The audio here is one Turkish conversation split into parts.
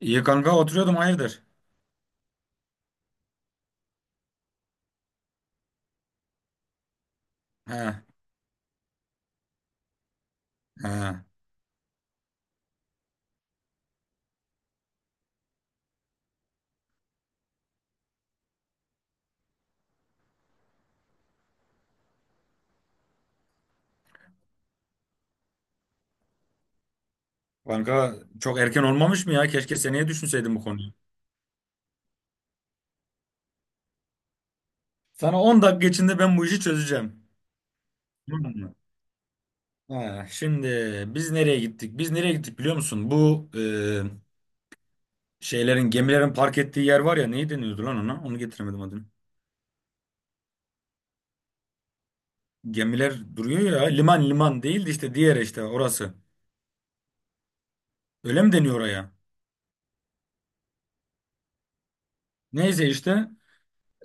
İyi kanka oturuyordum hayırdır? He, he. Kanka çok erken olmamış mı ya? Keşke seneye düşünseydim bu konuyu. Sana 10 dakika içinde ben bu işi çözeceğim. Tamam mı? He, Şimdi biz nereye gittik? Biz nereye gittik biliyor musun? Bu şeylerin gemilerin park ettiği yer var ya neyi deniyordu lan ona? Onu getiremedim adını. Gemiler duruyor ya liman liman değil de işte diğer işte orası. Öyle mi deniyor oraya? Neyse işte.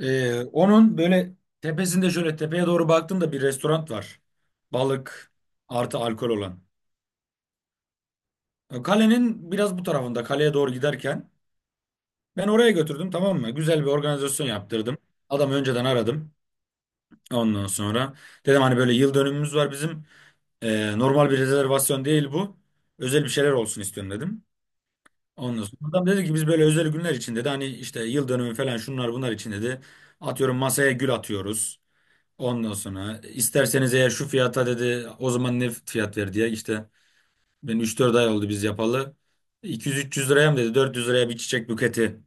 Onun böyle tepesinde şöyle tepeye doğru baktığımda bir restoran var. Balık artı alkol olan. Kalenin biraz bu tarafında kaleye doğru giderken ben oraya götürdüm, tamam mı? Güzel bir organizasyon yaptırdım. Adamı önceden aradım. Ondan sonra dedim, hani böyle yıl dönümümüz var bizim. Normal bir rezervasyon değil bu. Özel bir şeyler olsun istiyorum dedim. Ondan sonra adam dedi ki biz böyle özel günler için dedi. Hani işte yıl dönümü falan şunlar bunlar için dedi. Atıyorum masaya gül atıyoruz. Ondan sonra isterseniz eğer şu fiyata dedi, o zaman ne fiyat ver diye işte, ben 3-4 ay oldu biz yapalı. 200-300 liraya mı dedi, 400 liraya bir çiçek buketi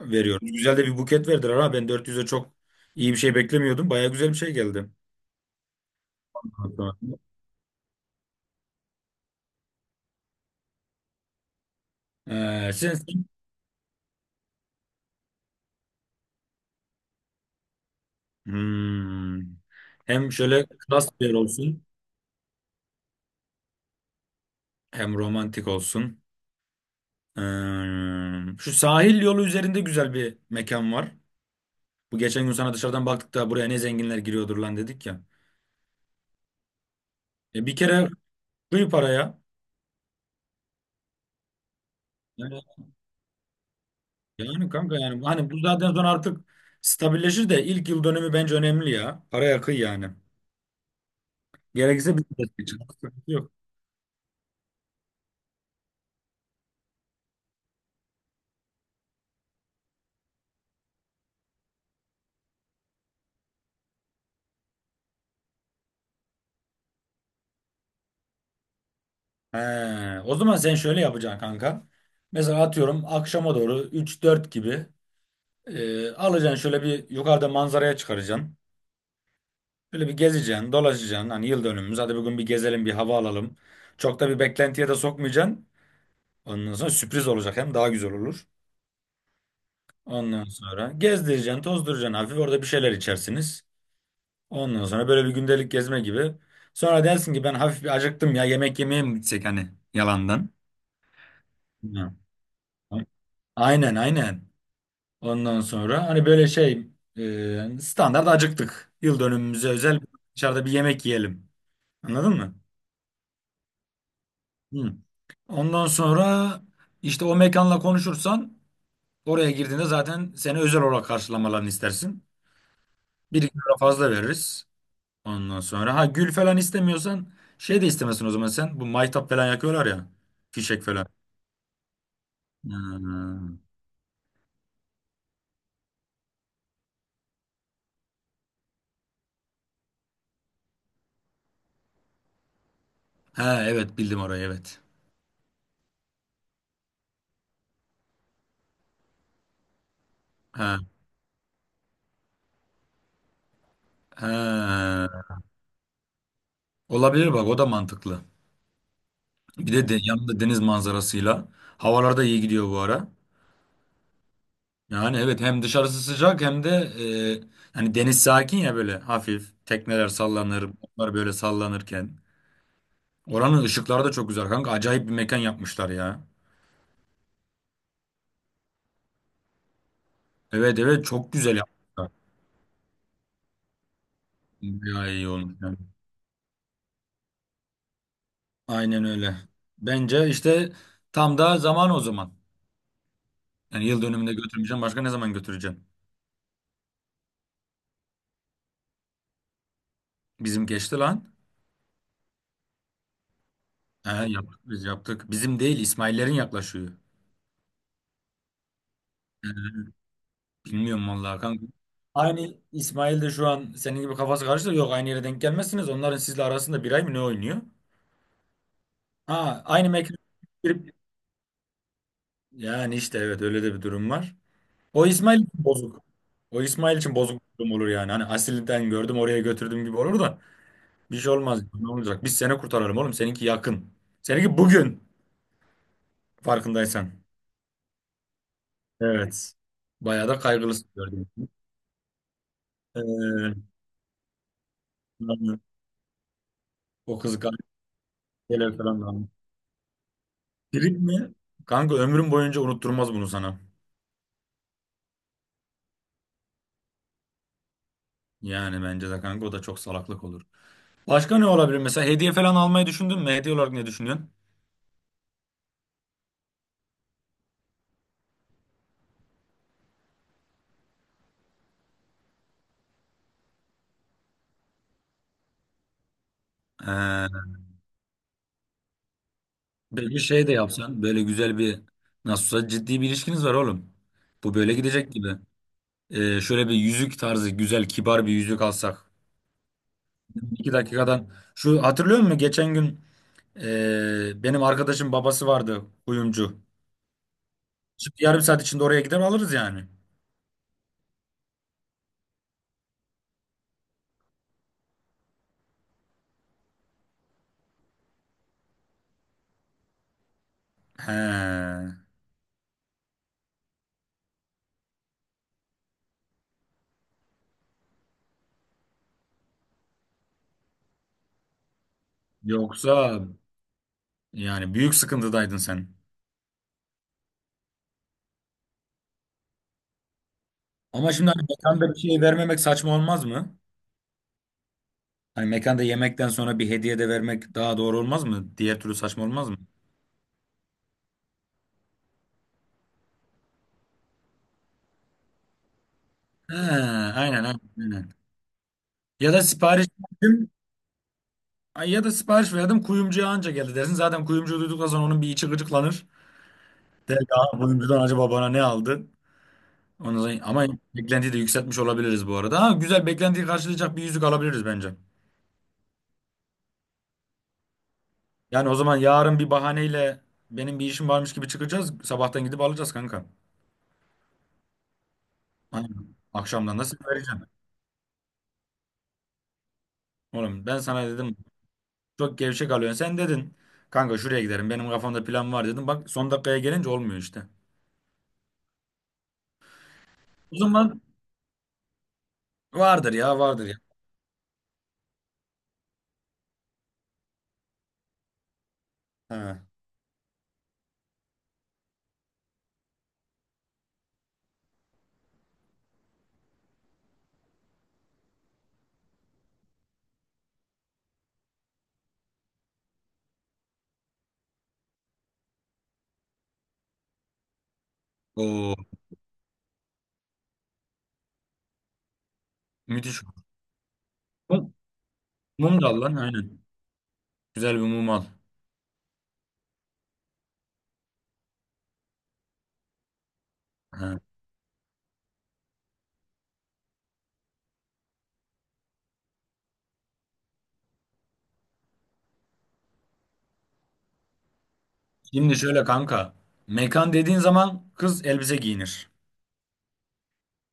veriyoruz. Güzel de bir buket verdiler, ama ben 400'e çok iyi bir şey beklemiyordum. Baya güzel bir şey geldi. Hatta. Ee, sen, sen- Hmm. Hem şöyle klas bir yer olsun hem romantik olsun. Hmm. Şu sahil yolu üzerinde güzel bir mekan var. Bu geçen gün sana dışarıdan baktık da buraya ne zenginler giriyordur lan dedik ya. Bir kere kıy paraya. Yani, yani kanka yani hani bu zaten sonra artık stabilleşir de ilk yıl dönemi bence önemli ya. Paraya kıy yani. Gerekirse bir de seçin. Sıkıntı yok. He, O zaman sen şöyle yapacaksın kanka. Mesela atıyorum akşama doğru 3-4 gibi alacaksın şöyle bir yukarıda manzaraya çıkaracaksın. Böyle bir gezeceksin, dolaşacaksın. Hani yıl dönümümüz, hadi bugün bir gezelim, bir hava alalım. Çok da bir beklentiye de sokmayacaksın. Ondan sonra sürpriz olacak, hem daha güzel olur. Ondan sonra gezdireceksin, tozduracaksın hafif. Orada bir şeyler içersiniz. Ondan sonra böyle bir gündelik gezme gibi. Sonra dersin ki, ben hafif bir acıktım ya, yemek yemeye mi gitsek, hani yalandan. Hı. Aynen aynen. Ondan sonra hani böyle şey standart acıktık. Yıl dönümümüze özel dışarıda bir yemek yiyelim. Anladın mı? Hı. Ondan sonra işte o mekanla konuşursan, oraya girdiğinde zaten seni özel olarak karşılamalarını istersin. Bir iki lira fazla veririz. Ondan sonra ha, gül falan istemiyorsan şey de istemesin o zaman sen. Bu maytap falan yakıyorlar ya. Fişek falan. Hmm. Ha evet, bildim orayı, evet. Ha, ha. Olabilir bak, o da mantıklı. Bir de, yanında deniz manzarasıyla. Havalar da iyi gidiyor bu ara. Yani evet, hem dışarısı sıcak hem de hani deniz sakin ya böyle hafif. Tekneler sallanır, onlar böyle sallanırken. Oranın ışıkları da çok güzel kanka. Acayip bir mekan yapmışlar ya. Evet evet, çok güzel yapmışlar. Bayağı iyi olmuş yani. Aynen öyle. Bence işte tam da zaman o zaman. Yani yıl dönümünde götürmeyeceğim. Başka ne zaman götüreceğim? Bizim geçti lan. He, yaptık biz yaptık. Bizim değil, İsmail'lerin yaklaşıyor. He, bilmiyorum vallahi kanka. Aynı İsmail de şu an senin gibi kafası karıştı. Yok, aynı yere denk gelmezsiniz. Onların sizle arasında bir ay mı ne oynuyor? Ha, aynı mekan. girip- Yani işte evet, öyle de bir durum var. O İsmail için bozuk. O İsmail için bozuk bir durum olur yani. Hani Asil'den gördüm oraya götürdüm gibi olur da. Bir şey olmaz. Ne olacak? Biz seni kurtaralım oğlum. Seninki yakın. Seninki bugün farkındaysan. Evet. Bayağı da kaygılısın gördüğüm için. Ee, Yani o kızı gelir falan da. Trip mi? Kanka ömrüm boyunca unutturmaz bunu sana. Yani bence de kanka o da çok salaklık olur. Başka ne olabilir? Mesela hediye falan almayı düşündün mü? Hediye olarak ne düşünüyorsun? Ee, Böyle bir şey de yapsan. Böyle güzel bir, nasıl olsa ciddi bir ilişkiniz var oğlum. Bu böyle gidecek gibi. Şöyle bir yüzük tarzı güzel kibar bir yüzük alsak. İki dakikadan. Şu hatırlıyor musun? Geçen gün benim arkadaşım babası vardı kuyumcu. Şimdi yarım saat içinde oraya gider alırız yani. He. Yoksa yani büyük sıkıntıdaydın sen. Ama şimdi hani mekanda bir şey vermemek saçma olmaz mı? Hani mekanda yemekten sonra bir hediye de vermek daha doğru olmaz mı? Diğer türlü saçma olmaz mı? He, aynen aynen, aynen. Ya da sipariş verdim. Ay, ya da sipariş verdim, kuyumcuya anca geldi dersin. Zaten kuyumcu duyduktan sonra onun bir içi gıcıklanır. De, ya, oyuncudan acaba bana ne aldı. Ama beklentiyi de yükseltmiş olabiliriz bu arada. Ha, güzel beklentiyi karşılayacak bir yüzük alabiliriz bence. Yani o zaman yarın bir bahaneyle, benim bir işim varmış gibi çıkacağız. Sabahtan gidip alacağız kanka. Aynen. Akşamdan da sana vereceğim. Oğlum ben sana dedim, çok gevşek alıyorsun. Sen dedin kanka, şuraya giderim benim kafamda plan var dedim. Bak, son dakikaya gelince olmuyor işte. O zaman vardır ya, vardır ya. Ha. Oo, müthiş. Mum, mum da al lan aynen. Güzel bir mum al. Ha. Şimdi şöyle kanka. Mekan dediğin zaman kız elbise giyinir.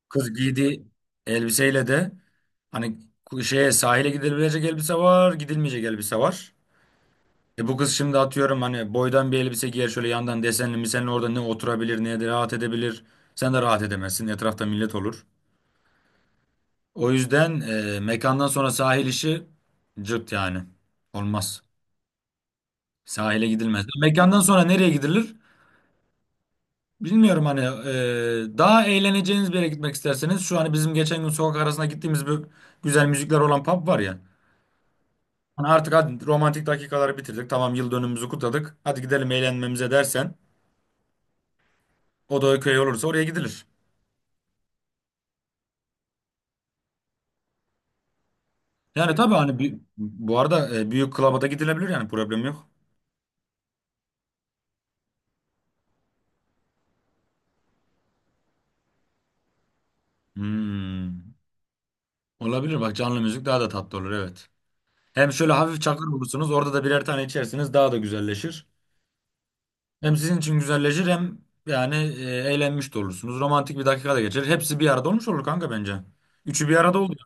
Kız giydiği elbiseyle de hani, şeye, sahile gidilebilecek elbise var, gidilmeyecek elbise var. Bu kız şimdi atıyorum hani boydan bir elbise giyer şöyle yandan desenli misenli, orada ne oturabilir ne de rahat edebilir. Sen de rahat edemezsin. Etrafta millet olur. O yüzden mekandan sonra sahil işi cırt yani. Olmaz. Sahile gidilmez. Mekandan sonra nereye gidilir? Bilmiyorum hani, daha eğleneceğiniz bir yere gitmek isterseniz, şu hani bizim geçen gün sokak arasına gittiğimiz bir güzel müzikler olan pub var ya. Hani artık hadi romantik dakikaları bitirdik. Tamam yıl dönümümüzü kutladık. Hadi gidelim eğlenmemize dersen, o da köy olursa oraya gidilir. Yani tabii hani bu arada büyük klaba da gidilebilir yani, problem yok. Hmm. Olabilir bak, canlı müzik daha da tatlı olur, evet. Hem şöyle hafif çakır bulursunuz, orada da birer tane içersiniz daha da güzelleşir. Hem sizin için güzelleşir hem yani eğlenmiş de olursunuz. Romantik bir dakika da geçer. Hepsi bir arada olmuş olur kanka bence. Üçü bir arada oluyor.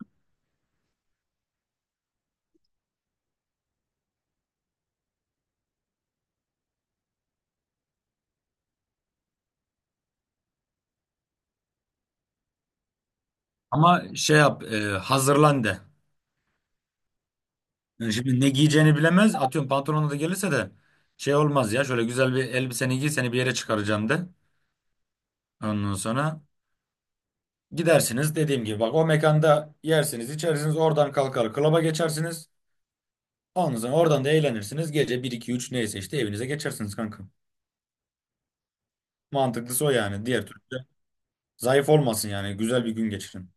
Ama şey yap, hazırlan de. Yani şimdi ne giyeceğini bilemez. Atıyorum pantolonla da gelirse de şey olmaz ya. Şöyle güzel bir elbiseni giy, seni bir yere çıkaracağım de. Ondan sonra gidersiniz dediğim gibi. Bak, o mekanda yersiniz içersiniz, oradan kalkar klaba geçersiniz. Ondan sonra oradan da eğlenirsiniz. Gece bir iki üç neyse işte evinize geçersiniz kanka. Mantıklısı o yani. Diğer türlü. Zayıf olmasın yani. Güzel bir gün geçirin.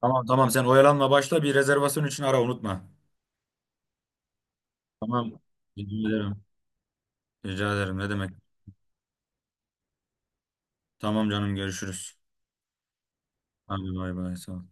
Tamam tamam, sen oyalanma, başla, bir rezervasyon için ara, unutma. Tamam. Rica ederim. Rica ederim ne demek. Tamam canım, görüşürüz. Hadi bay bay, sağ ol.